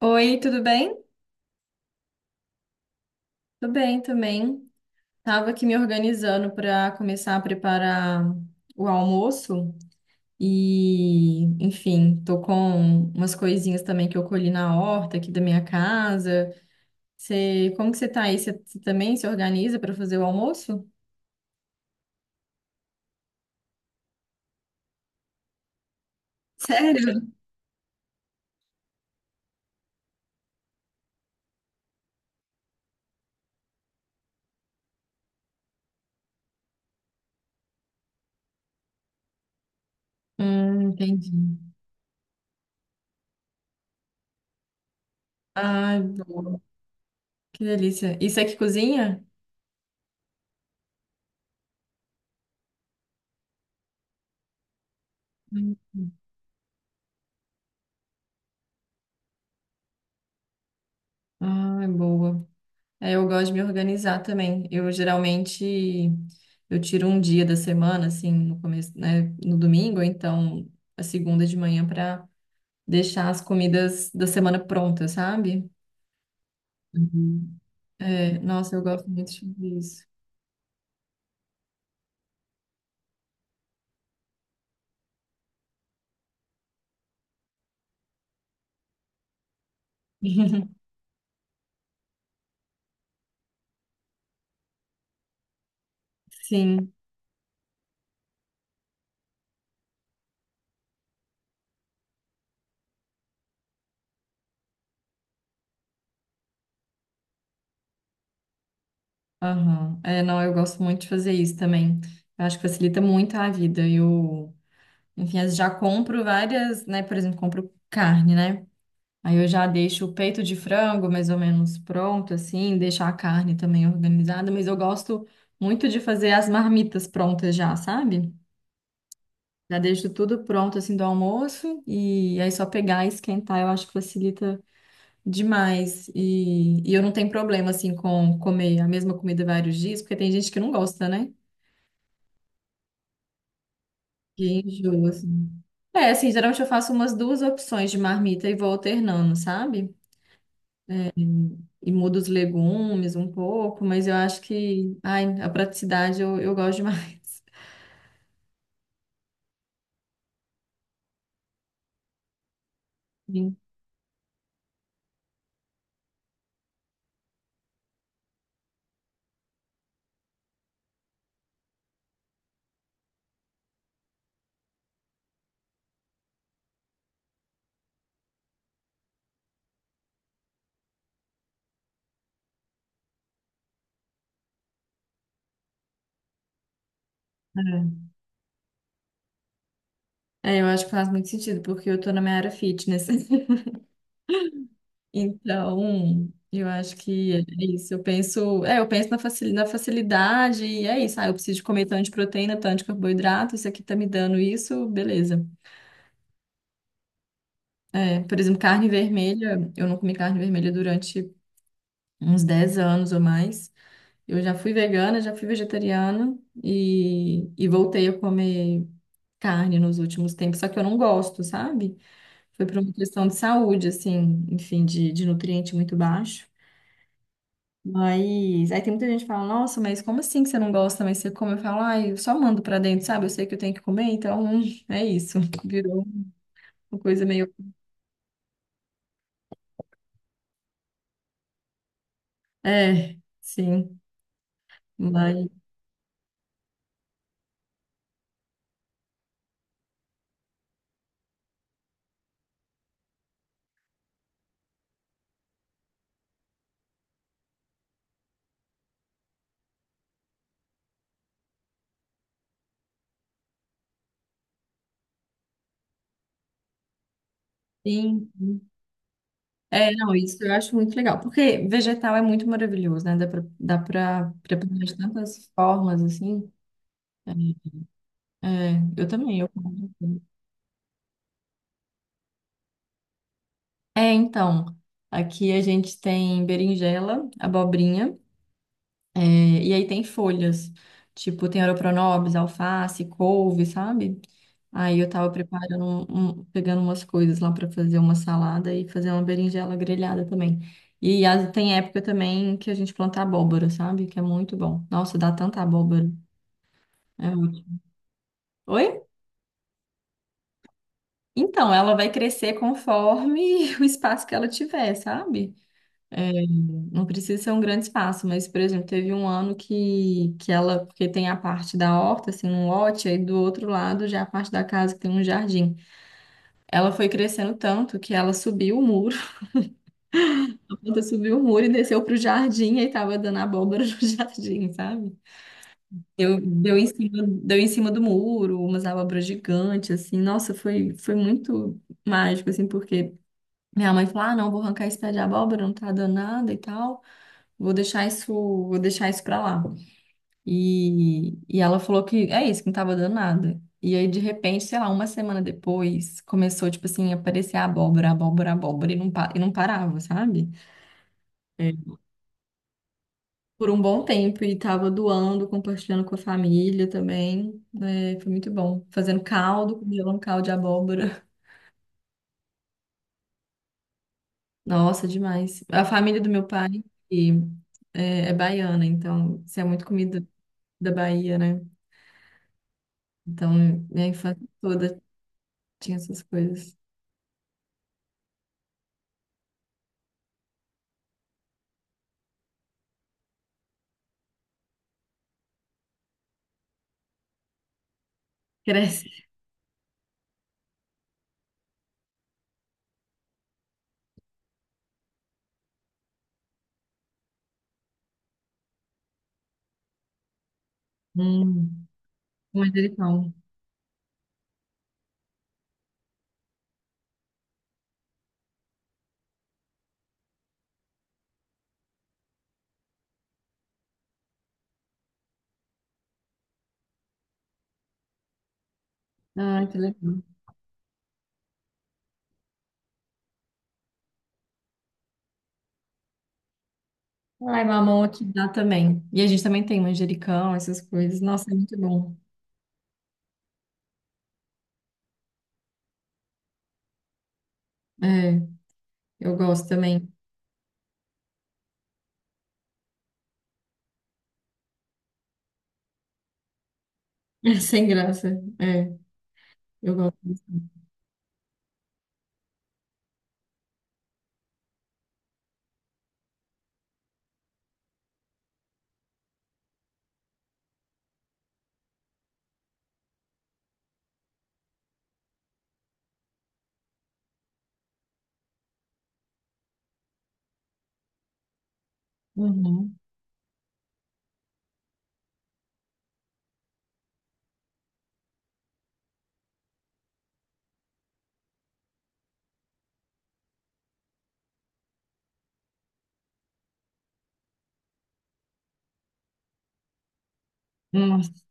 Oi, tudo bem? Tudo bem também. Tava aqui me organizando para começar a preparar o almoço e, enfim, tô com umas coisinhas também que eu colhi na horta aqui da minha casa. Você, como que você tá aí? Você também se organiza para fazer o almoço? Sério? Entendi. Ai, boa. Que delícia. Isso é que cozinha? Hum. Ai, boa. É, eu gosto de me organizar também. Eu geralmente eu tiro um dia da semana, assim, no começo, né, no domingo, ou então a segunda de manhã para deixar as comidas da semana prontas, sabe? Uhum. É, nossa, eu gosto muito de fazer isso. Sim, aham. É, não, eu gosto muito de fazer isso também. Eu acho que facilita muito a vida. Eu, enfim, eu já compro várias, né? Por exemplo, compro carne, né? Aí eu já deixo o peito de frango mais ou menos pronto, assim, deixar a carne também organizada, mas eu gosto muito de fazer as marmitas prontas já, sabe? Já deixo tudo pronto, assim, do almoço, e aí só pegar e esquentar, eu acho que facilita demais. E eu não tenho problema, assim, com comer a mesma comida vários dias, porque tem gente que não gosta, né? Que enjoa, assim. É, assim, geralmente eu faço umas duas opções de marmita e vou alternando, sabe? E mudo os legumes um pouco, mas eu acho que, ai, a praticidade eu gosto demais. Sim. É, É, eu acho que faz muito sentido, porque eu tô na minha área fitness. Então, eu acho que é isso. Eu penso, é, eu penso na facil- na facilidade e é isso. Ah, eu preciso de comer tanto de proteína, tanto de carboidrato, isso aqui tá me dando isso, beleza. É, por exemplo, carne vermelha, eu não comi carne vermelha durante uns 10 anos ou mais. Eu já fui vegana, já fui vegetariana e voltei a comer carne nos últimos tempos, só que eu não gosto, sabe? Foi por uma questão de saúde, assim, enfim, de nutriente muito baixo. Mas aí tem muita gente que fala, nossa, mas como assim que você não gosta, mas você come? Eu falo, ai, eu só mando pra dentro, sabe? Eu sei que eu tenho que comer, então é isso. Virou uma coisa meio. É, sim. Mas sim. É, não, isso eu acho muito legal, porque vegetal é muito maravilhoso, né? Dá pra preparar de tantas formas, assim. É, é, eu também, eu como. É, então, aqui a gente tem berinjela, abobrinha, é, e aí tem folhas, tipo, tem oroponobis, alface, couve, sabe? Aí eu tava preparando, pegando umas coisas lá pra fazer uma salada e fazer uma berinjela grelhada também. E as- tem época também que a gente planta abóbora, sabe? Que é muito bom. Nossa, dá tanta abóbora. É muito- Oi? Então, ela vai crescer conforme o espaço que ela tiver, sabe? É, não precisa ser um grande espaço, mas, por exemplo, teve um ano que ela, porque tem a parte da horta, assim, um lote, aí do outro lado já é a parte da casa que tem um jardim. Ela foi crescendo tanto que ela subiu o muro, a planta subiu o muro e desceu pro jardim, aí tava dando abóbora no jardim, sabe? Deu em cima do muro, umas abóboras gigantes, assim, nossa, foi, foi muito mágico, assim, porque minha mãe falou, ah, não, vou arrancar esse pé de abóbora, não tá dando nada e tal. Vou deixar isso pra lá. E ela falou que é isso, que não tava dando nada. E aí, de repente, sei lá, uma semana depois, começou, tipo assim, a aparecer abóbora, abóbora, abóbora, e não, e não parava, sabe? É. Por um bom tempo, e tava doando, compartilhando com a família também. Né? Foi muito bom. Fazendo caldo, congelando caldo de abóbora. Nossa, demais. A família do meu pai e- é baiana, então, isso é muito comida da Bahia, né? Então, minha infância toda tinha essas coisas. Cresce. Hum, manjericão. Ai, que legal. Ai, mamão aqui dá também. E a gente também tem manjericão, essas coisas. Nossa, é muito bom. É, eu gosto também. Sem graça. É, eu gosto. Disso. Uhum. Nossa.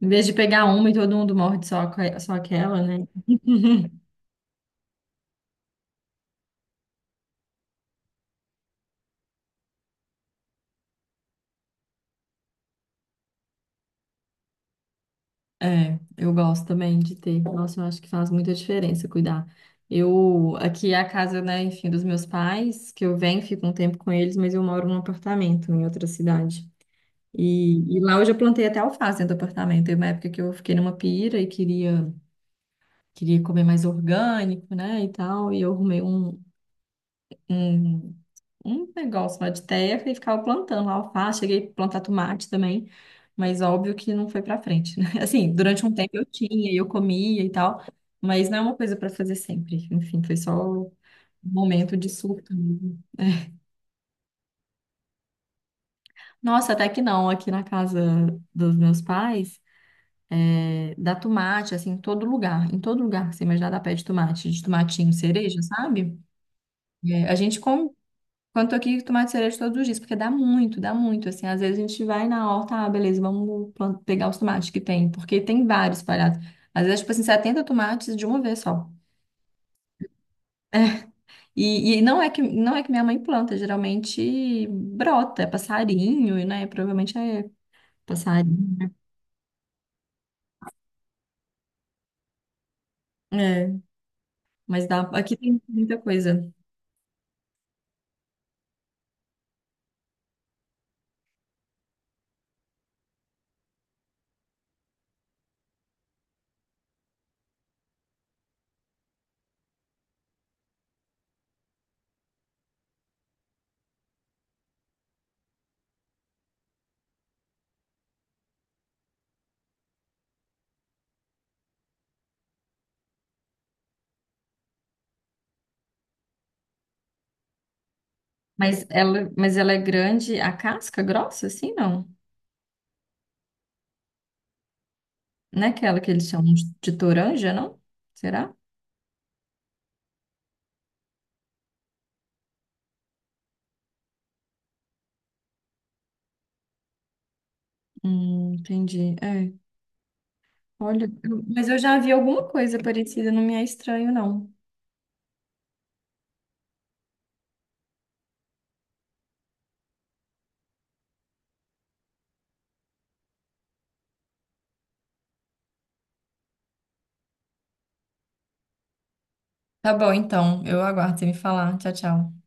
Em vez de pegar uma e todo mundo morde só, aque- só aquela, né? É, eu gosto também de ter. Nossa, eu acho que faz muita diferença cuidar. Eu, aqui é a casa, né, enfim, dos meus pais, que eu venho, fico um tempo com eles, mas eu moro num apartamento em outra cidade. E lá eu já plantei até alface dentro do apartamento. Teve uma época que eu fiquei numa pira e queria, queria comer mais orgânico, né, e tal, e eu arrumei um, um um negócio lá de terra e ficava plantando lá alface, cheguei a plantar tomate também, mas óbvio que não foi pra frente, né? Assim, durante um tempo eu tinha, e eu comia e tal, mas não é uma coisa pra fazer sempre. Enfim, foi só um momento de surto mesmo. É. Nossa, até que não, aqui na casa dos meus pais, é, dá tomate, assim, em todo lugar que você imaginar dá pé de tomate, de tomatinho cereja, sabe? É, a gente come quando tô aqui, tomate cereja todos os dias, porque dá muito, assim. Às vezes a gente vai na horta, ah, beleza, vamos plan- pegar os tomates que tem, porque tem vários espalhados. Às vezes, tipo assim, 70 tomates de uma vez só. E não é que, não é que minha mãe planta, geralmente brota, é passarinho, né? Provavelmente é passarinho. É, mas dá, aqui tem muita coisa. Mas ela é grande, a casca grossa, assim, não? Não é aquela que eles chamam de toranja, não? Será? Entendi. É. Olha, eu- mas eu já vi alguma coisa parecida, não me é estranho, não. Tá bom, então. Eu aguardo você me falar. Tchau, tchau.